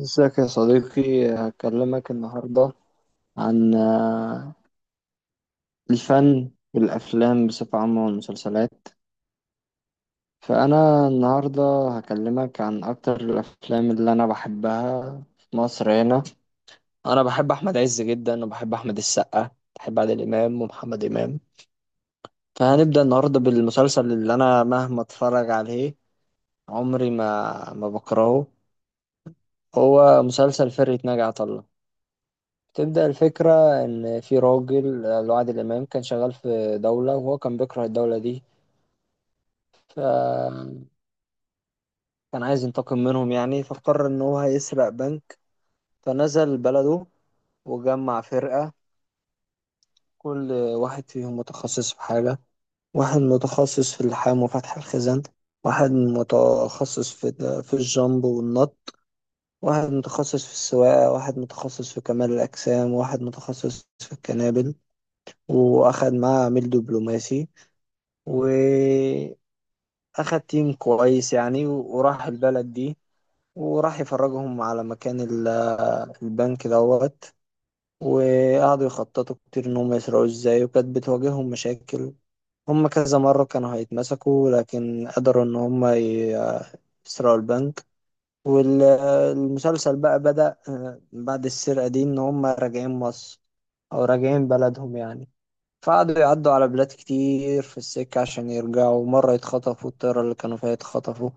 ازيك يا صديقي؟ هكلمك النهاردة عن الفن والأفلام بصفة عامة والمسلسلات. فأنا النهاردة هكلمك عن أكتر الأفلام اللي أنا بحبها في مصر هنا. أنا بحب أحمد عز جدا وبحب أحمد السقا، بحب عادل إمام ومحمد إمام. فهنبدأ النهاردة بالمسلسل اللي أنا مهما أتفرج عليه عمري ما بكرهه، هو مسلسل فرقة ناجي عطا الله. بتبدأ الفكرة إن في راجل، اللي هو عادل إمام، كان شغال في دولة وهو كان بيكره الدولة دي، فكان عايز ينتقم منهم يعني، فقرر إن هو هيسرق بنك. فنزل بلده وجمع فرقة، كل واحد فيهم متخصص في حاجة. واحد متخصص في اللحام وفتح الخزان، واحد متخصص في الجامب والنط، واحد متخصص في السواقة، واحد متخصص في كمال الأجسام، واحد متخصص في الكنابل، وأخد معاه عميل دبلوماسي. واخد تيم كويس يعني، وراح البلد دي وراح يفرجهم على مكان البنك دوت. وقعدوا يخططوا كتير ان هم يسرقوا ازاي، وكانت بتواجههم مشاكل. هم كذا مرة كانوا هيتمسكوا، لكن قدروا ان يسرقوا البنك. والمسلسل بقى بدأ بعد السرقة دي ان هم راجعين مصر، او راجعين بلدهم يعني. فقعدوا يعدوا على بلاد كتير في السكة عشان يرجعوا، مرة يتخطفوا الطيارة اللي كانوا فيها يتخطفوا،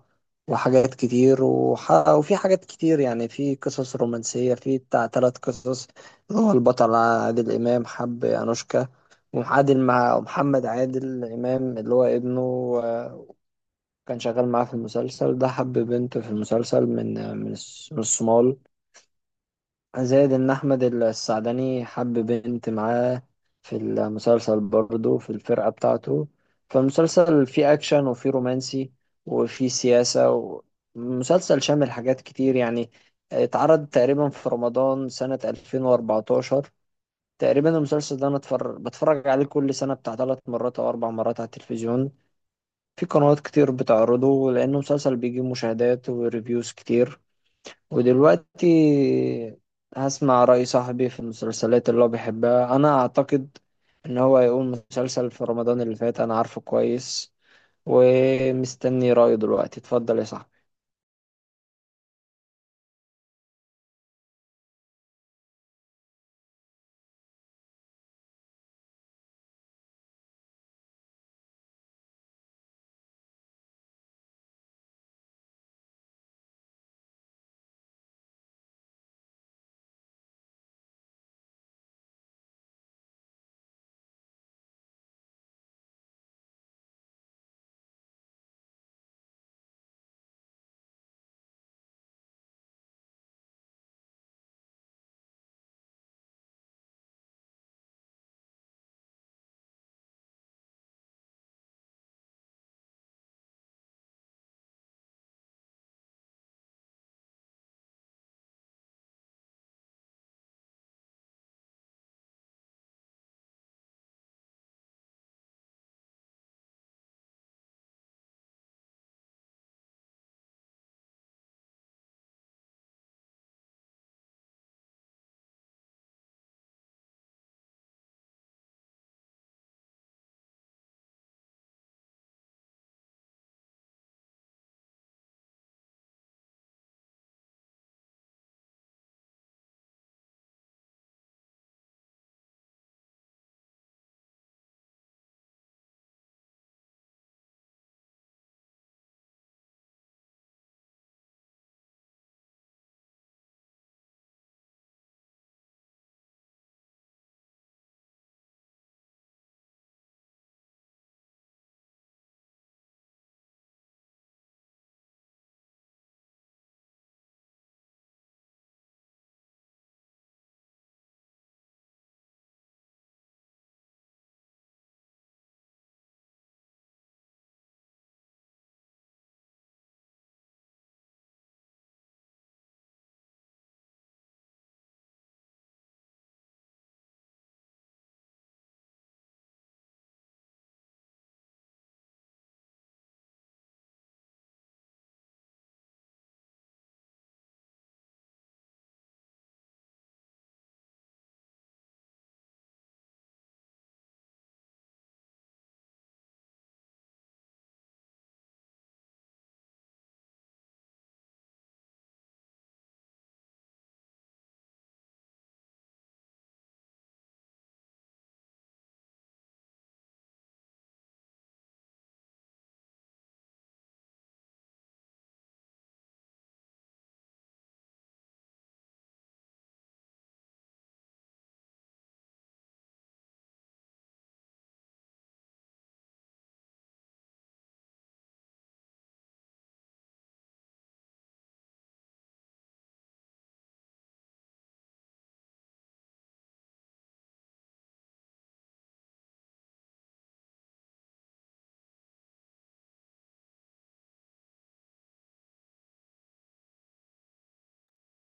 وحاجات كتير وفي حاجات كتير يعني. في قصص رومانسية، في بتاع تلات قصص. اللي هو البطل عادل إمام حب أنوشكا، وعادل مع محمد عادل إمام اللي هو ابنه، آه، كان شغال معاه في المسلسل ده، حب بنت في المسلسل من، من الصومال. زائد ان احمد السعدني حب بنت معاه في المسلسل برضه في الفرقة بتاعته. فالمسلسل فيه اكشن وفيه رومانسي وفيه سياسة، ومسلسل شامل حاجات كتير يعني. اتعرض تقريبا في رمضان سنة 2014 تقريبا. المسلسل ده انا بتفرج عليه كل سنة بتاع ثلاث مرات او اربع مرات على التلفزيون، في قنوات كتير بتعرضه لانه مسلسل بيجيب مشاهدات وريفيوز كتير. ودلوقتي هسمع رأي صاحبي في المسلسلات اللي هو بيحبها. أنا أعتقد إن هو هيقول مسلسل في رمضان اللي فات أنا عارفه كويس، ومستني رأيه دلوقتي. اتفضل يا صاحبي.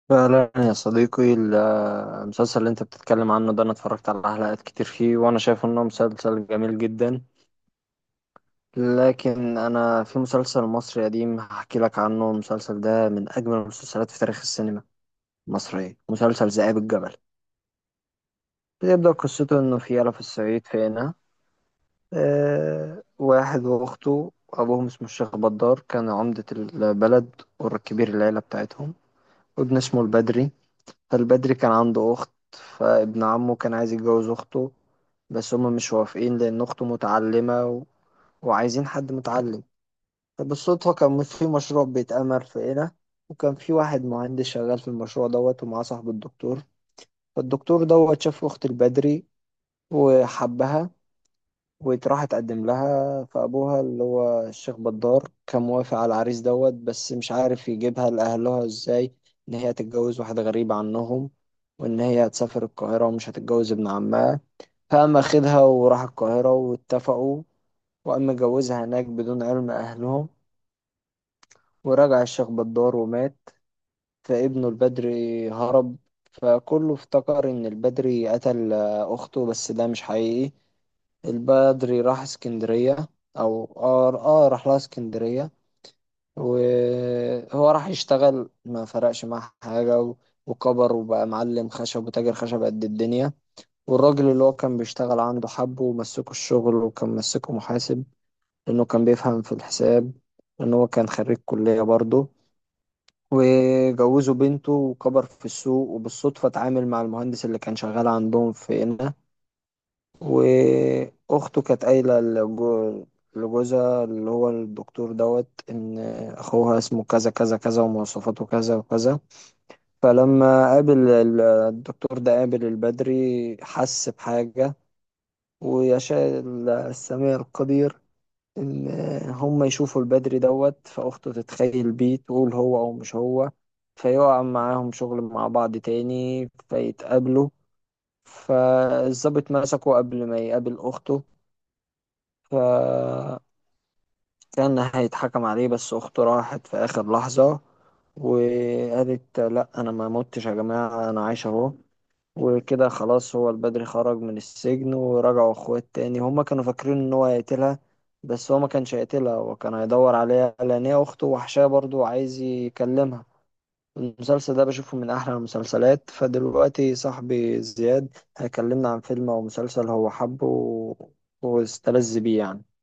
فعلا يا صديقي المسلسل اللي انت بتتكلم عنه ده انا اتفرجت على حلقات كتير فيه، وانا شايف انه مسلسل جميل جدا. لكن انا في مسلسل مصري قديم هحكي لك عنه، المسلسل ده من اجمل المسلسلات في تاريخ السينما المصرية، مسلسل ذئاب الجبل. بتبدأ قصته إنه في يلا في الصعيد في هنا آه، واحد وأخته أبوهم اسمه الشيخ بدار، كان عمدة البلد وكبير العيلة بتاعتهم، وابن اسمه البدري. فالبدري كان عنده أخت، فابن عمه كان عايز يتجوز أخته، بس هما مش موافقين لأن أخته متعلمة وعايزين حد متعلم. فبالصدفة كان في مشروع بيتعمل في هنا، وكان في واحد مهندس شغال في المشروع دوت ومعاه صاحب الدكتور. فالدكتور دوت شاف أخت البدري وحبها، وراح اتقدم لها. فابوها اللي هو الشيخ بدار كان موافق على العريس دوت، بس مش عارف يجيبها لاهلها ازاي، ان هي تتجوز واحد غريب عنهم، وان هي هتسافر القاهره ومش هتتجوز ابن عمها. فقام اخدها وراح القاهره واتفقوا، وقام مجوزها هناك بدون علم اهلهم. ورجع الشيخ بدار ومات، فابنه البدري هرب. فكله افتكر ان البدري قتل اخته، بس ده مش حقيقي. البدري راح اسكندرية، أو راح لها اسكندرية. وهو راح يشتغل ما فرقش معاه حاجة، وكبر وبقى معلم خشب وتاجر خشب قد الدنيا. والراجل اللي هو كان بيشتغل عنده حبه ومسكه الشغل، وكان مسكه محاسب لأنه كان بيفهم في الحساب، لأنه هو كان خريج كلية برضه. وجوزوا بنته وكبر في السوق، وبالصدفة اتعامل مع المهندس اللي كان شغال عندهم في هنا. واخته كانت قايله لجوزها اللي هو الدكتور دوت ان اخوها اسمه كذا كذا كذا ومواصفاته كذا وكذا. فلما قابل الدكتور ده قابل البدري حس بحاجه. ويشاء السميع القدير ان هم يشوفوا البدري دوت، فاخته تتخيل بيه تقول هو او مش هو. فيقع معاهم شغل مع بعض تاني فيتقابلوا. فالظابط مسكه قبل ما يقابل أخته، فكان هيتحكم عليه، بس أخته راحت في آخر لحظة وقالت لا أنا ما متش يا جماعة أنا عايش أهو. وكده خلاص هو البدري خرج من السجن ورجعوا أخوات تاني. هما كانوا فاكرين إن هو هيقتلها، بس هو ما كانش هيقتلها، هو كان هيدور عليها لأن هي أخته وحشاه برضه وعايز يكلمها. المسلسل ده بشوفه من أحلى المسلسلات. فدلوقتي صاحبي زياد هيكلمنا عن فيلم أو مسلسل هو حبه واستلذ بيه يعني.